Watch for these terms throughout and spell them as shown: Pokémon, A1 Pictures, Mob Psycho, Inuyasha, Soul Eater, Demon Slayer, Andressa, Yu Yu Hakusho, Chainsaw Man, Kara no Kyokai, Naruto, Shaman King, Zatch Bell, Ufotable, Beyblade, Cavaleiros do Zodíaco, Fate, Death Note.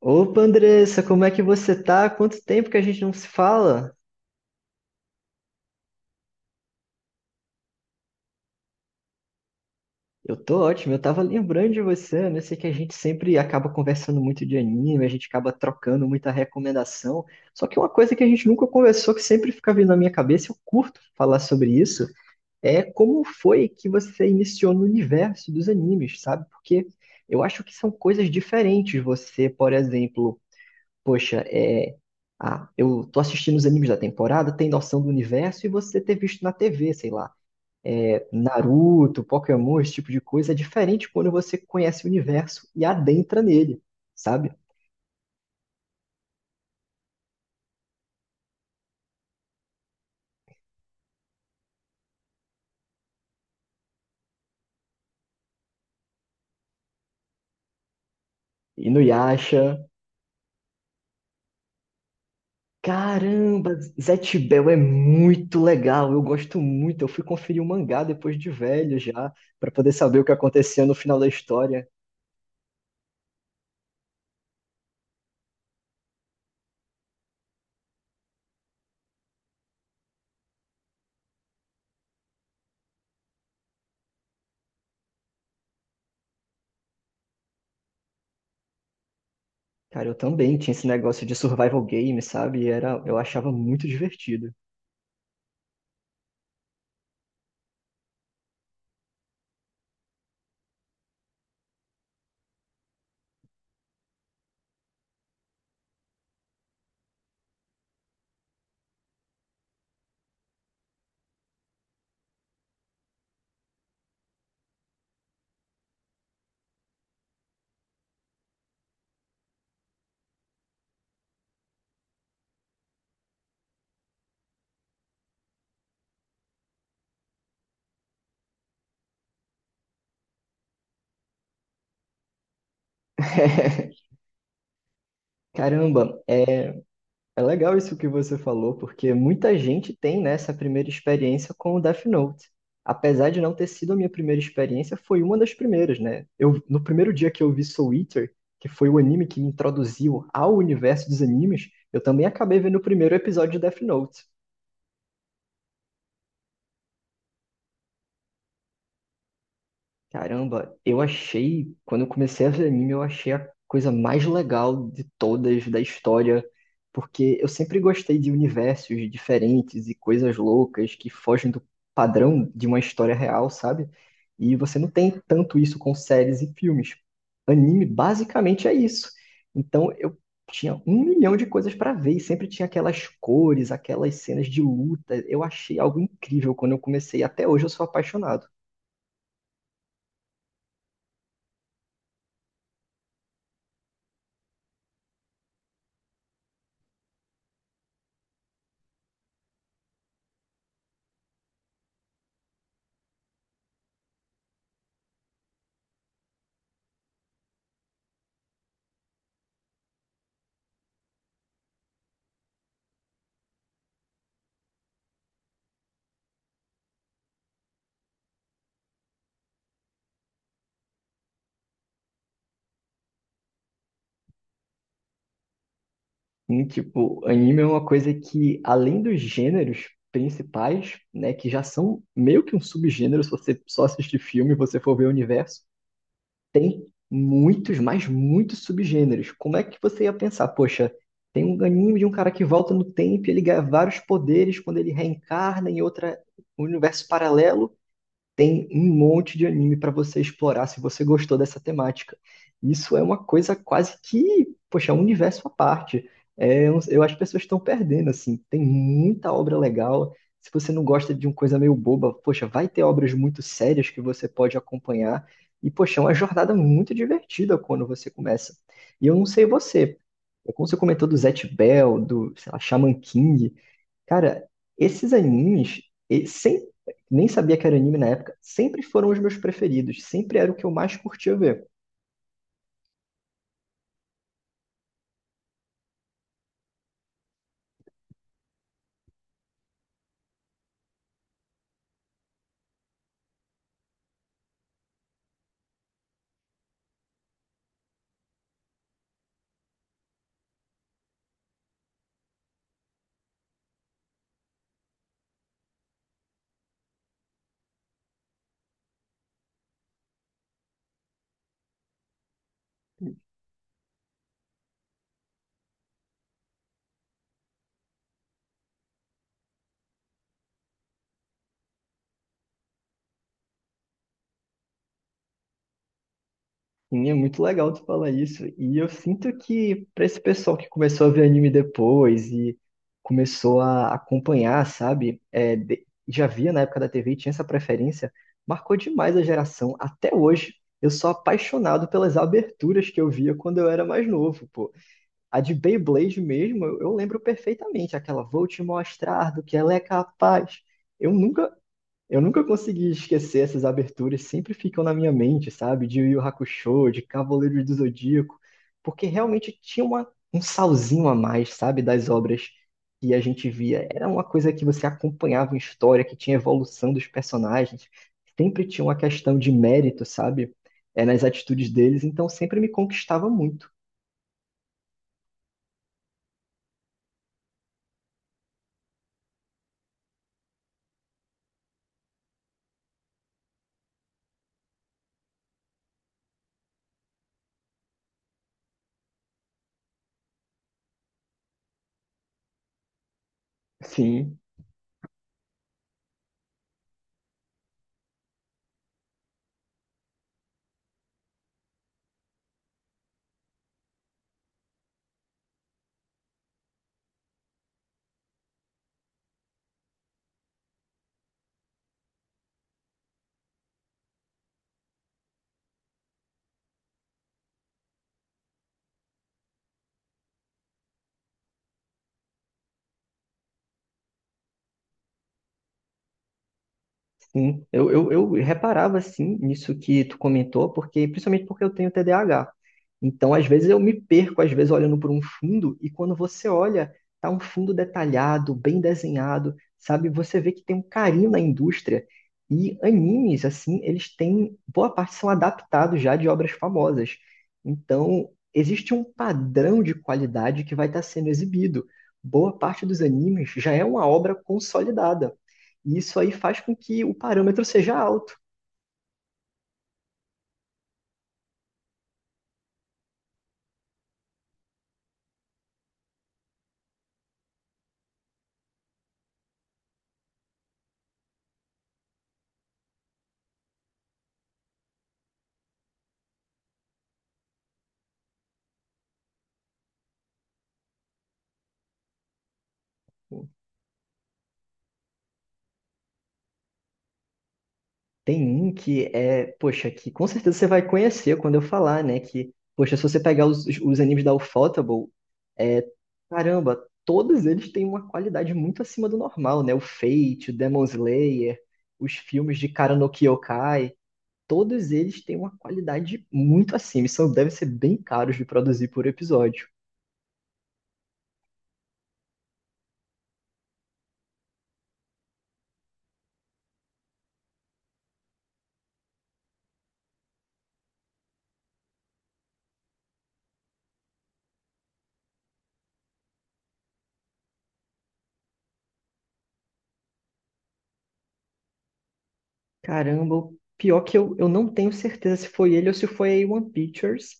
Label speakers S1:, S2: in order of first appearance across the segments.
S1: Opa, Andressa, como é que você tá? Quanto tempo que a gente não se fala? Eu tô ótimo, eu tava lembrando de você, né? Eu sei que a gente sempre acaba conversando muito de anime, a gente acaba trocando muita recomendação. Só que uma coisa que a gente nunca conversou, que sempre fica vindo na minha cabeça, eu curto falar sobre isso, é como foi que você iniciou no universo dos animes, sabe? Porque eu acho que são coisas diferentes. Você, por exemplo, poxa, é, ah, eu tô assistindo os animes da temporada, tem noção do universo e você ter visto na TV, sei lá, é, Naruto, Pokémon, esse tipo de coisa, é diferente quando você conhece o universo e adentra nele, sabe? Inuyasha, caramba, Zatch Bell é muito legal, eu gosto muito, eu fui conferir o mangá depois de velho já, pra poder saber o que acontecia no final da história. Cara, eu também tinha esse negócio de survival game, sabe? E era, eu achava muito divertido. Caramba, é legal isso que você falou, porque muita gente tem, né, essa primeira experiência com o Death Note. Apesar de não ter sido a minha primeira experiência, foi uma das primeiras, né? Eu, no primeiro dia que eu vi Soul Eater, que foi o anime que me introduziu ao universo dos animes, eu também acabei vendo o primeiro episódio de Death Note. Caramba, eu achei, quando eu comecei a ver anime, eu achei a coisa mais legal de todas da história, porque eu sempre gostei de universos diferentes e coisas loucas que fogem do padrão de uma história real, sabe? E você não tem tanto isso com séries e filmes. Anime basicamente é isso. Então eu tinha um milhão de coisas para ver e sempre tinha aquelas cores, aquelas cenas de luta. Eu achei algo incrível quando eu comecei. Até hoje eu sou apaixonado. Sim, tipo, anime é uma coisa que, além dos gêneros principais, né, que já são meio que um subgênero, se você só assistir filme e você for ver o universo, tem muitos, mas muitos subgêneros. Como é que você ia pensar, poxa, tem um anime de um cara que volta no tempo e ele ganha vários poderes quando ele reencarna em outra um universo paralelo, tem um monte de anime para você explorar se você gostou dessa temática. Isso é uma coisa quase que, poxa, é um universo à parte. É, eu acho que as pessoas estão perdendo, assim. Tem muita obra legal. Se você não gosta de uma coisa meio boba, poxa, vai ter obras muito sérias que você pode acompanhar. E, poxa, é uma jornada muito divertida quando você começa. E eu não sei você, é como você comentou do Zatch Bell, do, sei lá, Shaman King. Cara, esses animes, e- sem, nem sabia que era anime na época, sempre foram os meus preferidos, sempre era o que eu mais curtia ver. E é muito legal tu falar isso. E eu sinto que pra esse pessoal que começou a ver anime depois e começou a acompanhar, sabe? É, já via na época da TV e tinha essa preferência, marcou demais a geração. Até hoje, eu sou apaixonado pelas aberturas que eu via quando eu era mais novo. A de Beyblade mesmo, eu lembro perfeitamente aquela, vou te mostrar do que ela é capaz. Eu nunca, eu nunca consegui esquecer essas aberturas, sempre ficam na minha mente, sabe? De Yu Yu Hakusho, de Cavaleiros do Zodíaco, porque realmente tinha uma, um salzinho a mais, sabe? Das obras que a gente via. Era uma coisa que você acompanhava em história, que tinha evolução dos personagens, sempre tinha uma questão de mérito, sabe? É, nas atitudes deles, então sempre me conquistava muito. Sim. Sim, eu reparava assim nisso que tu comentou, porque principalmente porque eu tenho TDAH. Então, às vezes eu me perco, às vezes olhando por um fundo e quando você olha, tá um fundo detalhado, bem desenhado, sabe? Você vê que tem um carinho na indústria. E animes assim, eles têm boa parte são adaptados já de obras famosas. Então, existe um padrão de qualidade que vai estar sendo exibido. Boa parte dos animes já é uma obra consolidada. E isso aí faz com que o parâmetro seja alto. Tem um que é, poxa, que com certeza você vai conhecer quando eu falar, né? Que, poxa, se você pegar os animes da Ufotable, é, caramba, todos eles têm uma qualidade muito acima do normal, né? O Fate, o Demon Slayer, os filmes de Kara no Kyokai, todos eles têm uma qualidade muito acima, e são, devem ser bem caros de produzir por episódio. Caramba, o pior que eu não tenho certeza se foi ele ou se foi a A1 Pictures,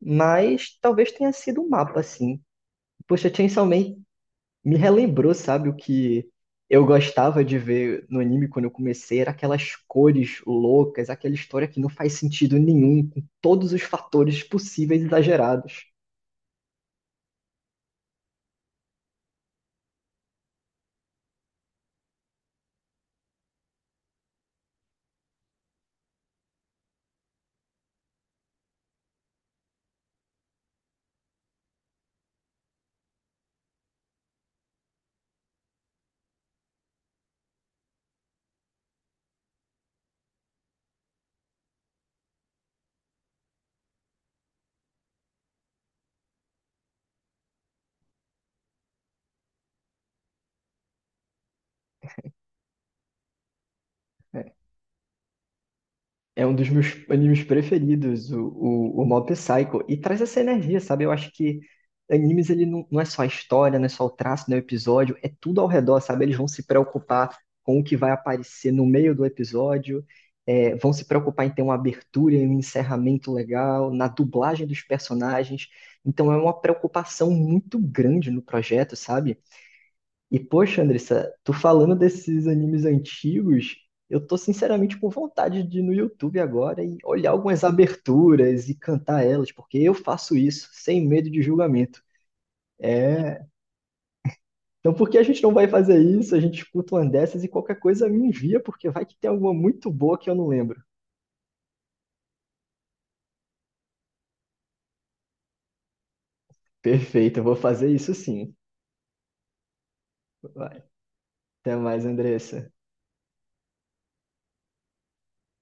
S1: mas talvez tenha sido um mapa, assim. Poxa, Chainsaw Man me relembrou, sabe, o que eu gostava de ver no anime quando eu comecei, era aquelas cores loucas, aquela história que não faz sentido nenhum, com todos os fatores possíveis e exagerados. É um dos meus animes preferidos, o Mob Psycho. E traz essa energia, sabe? Eu acho que animes, ele não é só a história, não é só o traço, não é o episódio, é tudo ao redor, sabe? Eles vão se preocupar com o que vai aparecer no meio do episódio, é, vão se preocupar em ter uma abertura e um encerramento legal, na dublagem dos personagens. Então é uma preocupação muito grande no projeto, sabe? E poxa, Andressa, tu falando desses animes antigos, eu tô sinceramente com vontade de ir no YouTube agora e olhar algumas aberturas e cantar elas, porque eu faço isso sem medo de julgamento. É, então por que a gente não vai fazer isso? A gente escuta uma dessas e qualquer coisa me envia, porque vai que tem alguma muito boa que eu não lembro. Perfeito, eu vou fazer isso sim. Vai. Até mais, Andressa.